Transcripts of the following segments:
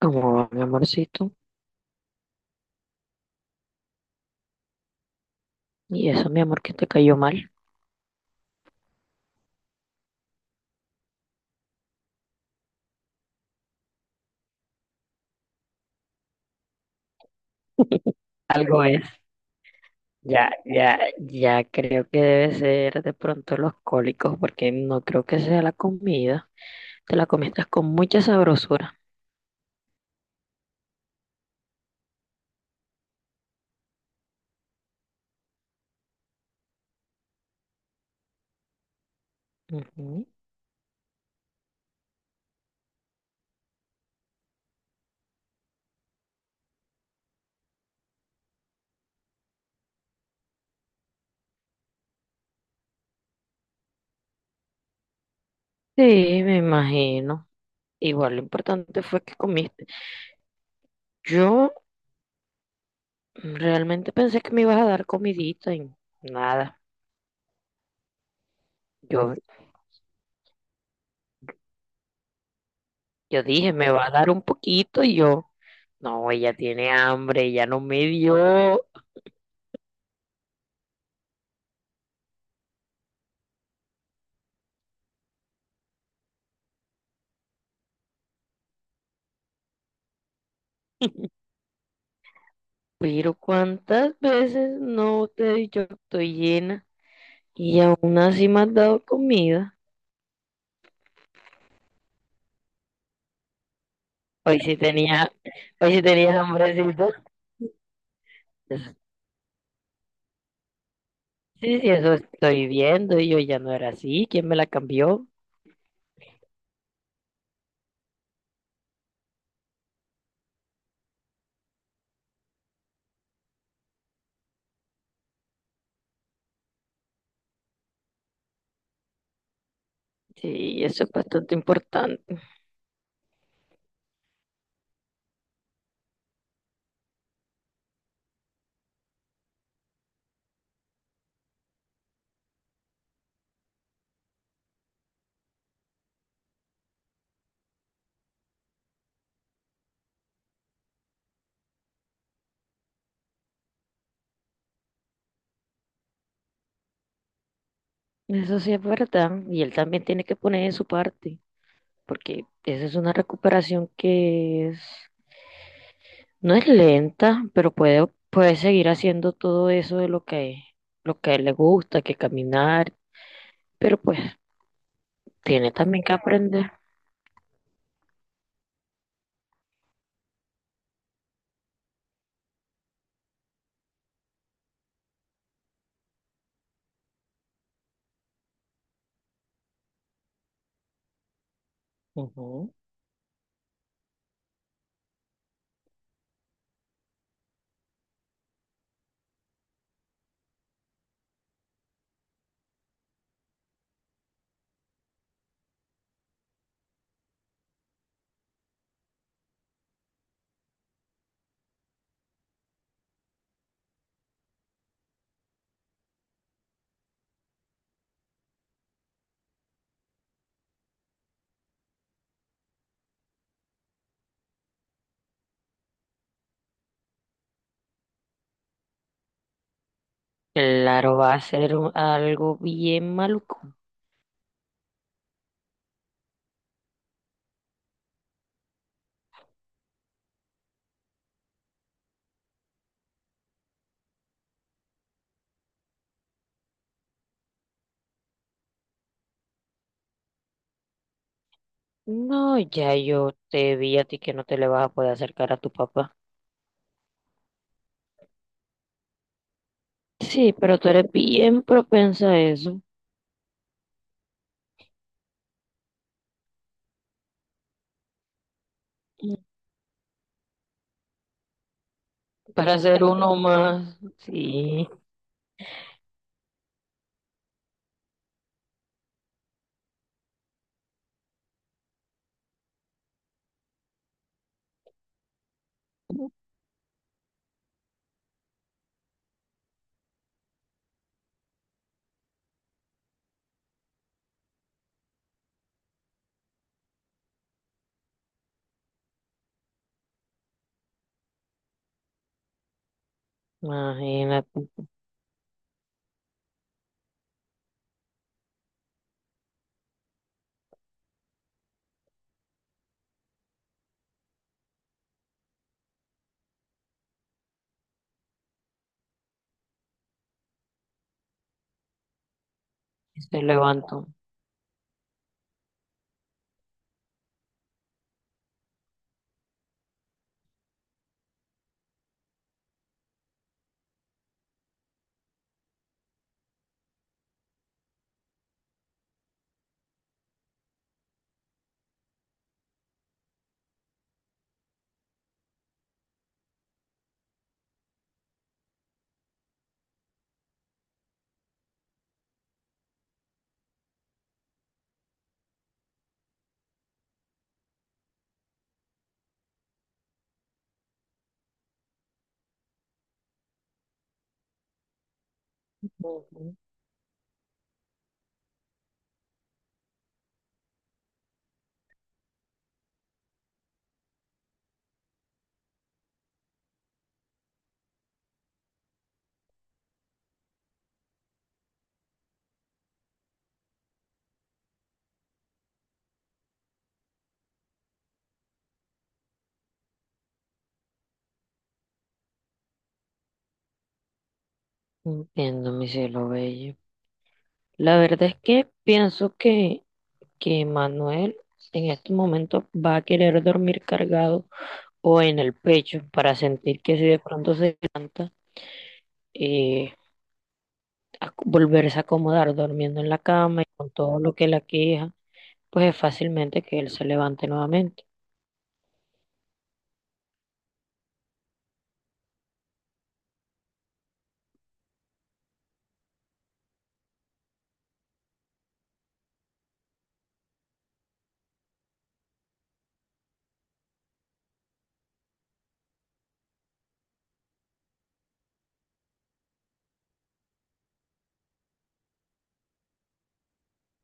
Como mi amorcito. Y eso, mi amor, que te cayó mal. Algo es. Ya creo que debe ser de pronto los cólicos, porque no creo que sea la comida. Te la comiste con mucha sabrosura. Ujú. Sí, me imagino. Igual lo importante fue que comiste. Yo realmente pensé que me ibas a dar comidita y nada. Yo, yo dije, me va a dar un poquito y yo, no, ella tiene hambre, ella no me dio. Pero ¿cuántas veces no te he dicho que estoy llena y aún así me has dado comida? Hoy sí tenía, hoy sí tenía hambrecito. Sí, sí, sí, sí, eso estoy viendo y yo ya no era así. ¿Quién me la cambió? Sí, eso es bastante importante. Eso sí es verdad. Y él también tiene que poner de su parte, porque esa es una recuperación que es, no es lenta, pero puede seguir haciendo todo eso de lo que a él le gusta, que caminar. Pero pues tiene también que aprender. Ujú. Claro, va a ser algo bien maluco. No, ya yo te vi a ti que no te le vas a poder acercar a tu papá. Sí, pero tú eres bien propensa a eso. Para ser uno más. Sí, imagínate. Se levantó. Ujú. Entiendo, mi cielo bello. La verdad es que pienso que Manuel en este momento va a querer dormir cargado o en el pecho para sentir que si de pronto se levanta, eh, volverse a acomodar durmiendo en la cama y con todo lo que la queja, pues es fácilmente que él se levante nuevamente.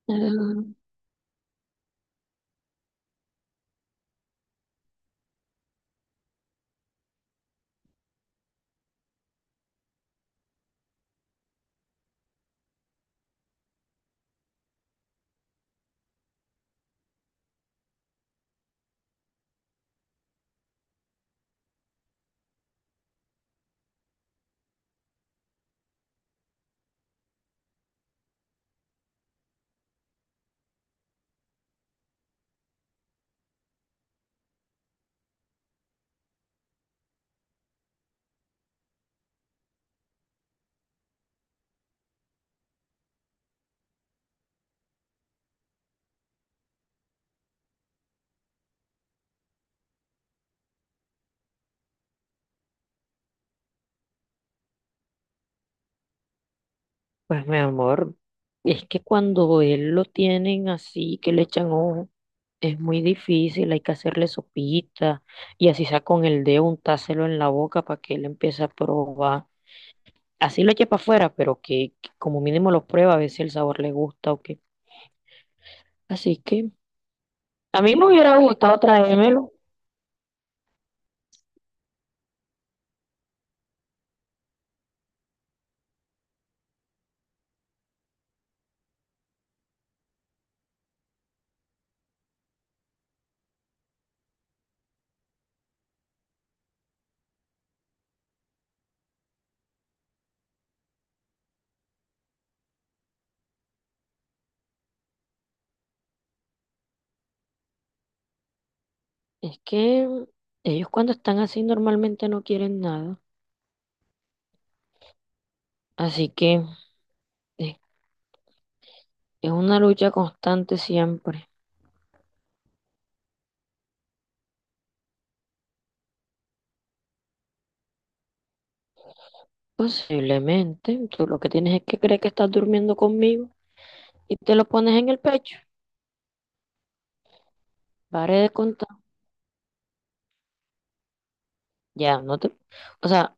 Ah, pues mi amor, es que cuando él lo tienen así, que le echan ojo, es muy difícil, hay que hacerle sopita y así sea con el dedo untárselo en la boca para que él empiece a probar. Así lo eche para afuera, pero que como mínimo lo prueba a ver si el sabor le gusta o qué. Así que a mí me hubiera gustado traérmelo. Es que ellos cuando están así normalmente no quieren nada. Así que eh, es una lucha constante siempre. Posiblemente, tú lo que tienes es que creer que estás durmiendo conmigo y te lo pones en el pecho. Pare de contar. Ya, no te, o sea,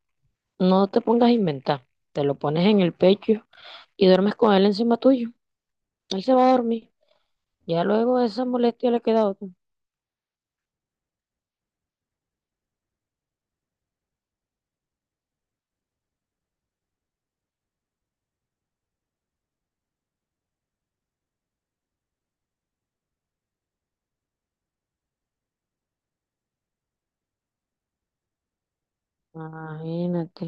no te pongas a inventar. Te lo pones en el pecho y duermes con él encima tuyo. Él se va a dormir. Ya luego esa molestia le queda a otro. Imagínate.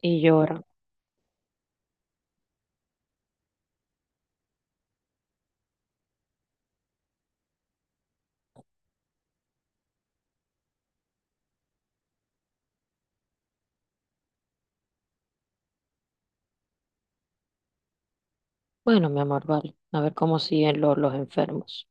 Y llora. Bueno, mi amor, vale. A ver cómo siguen los enfermos.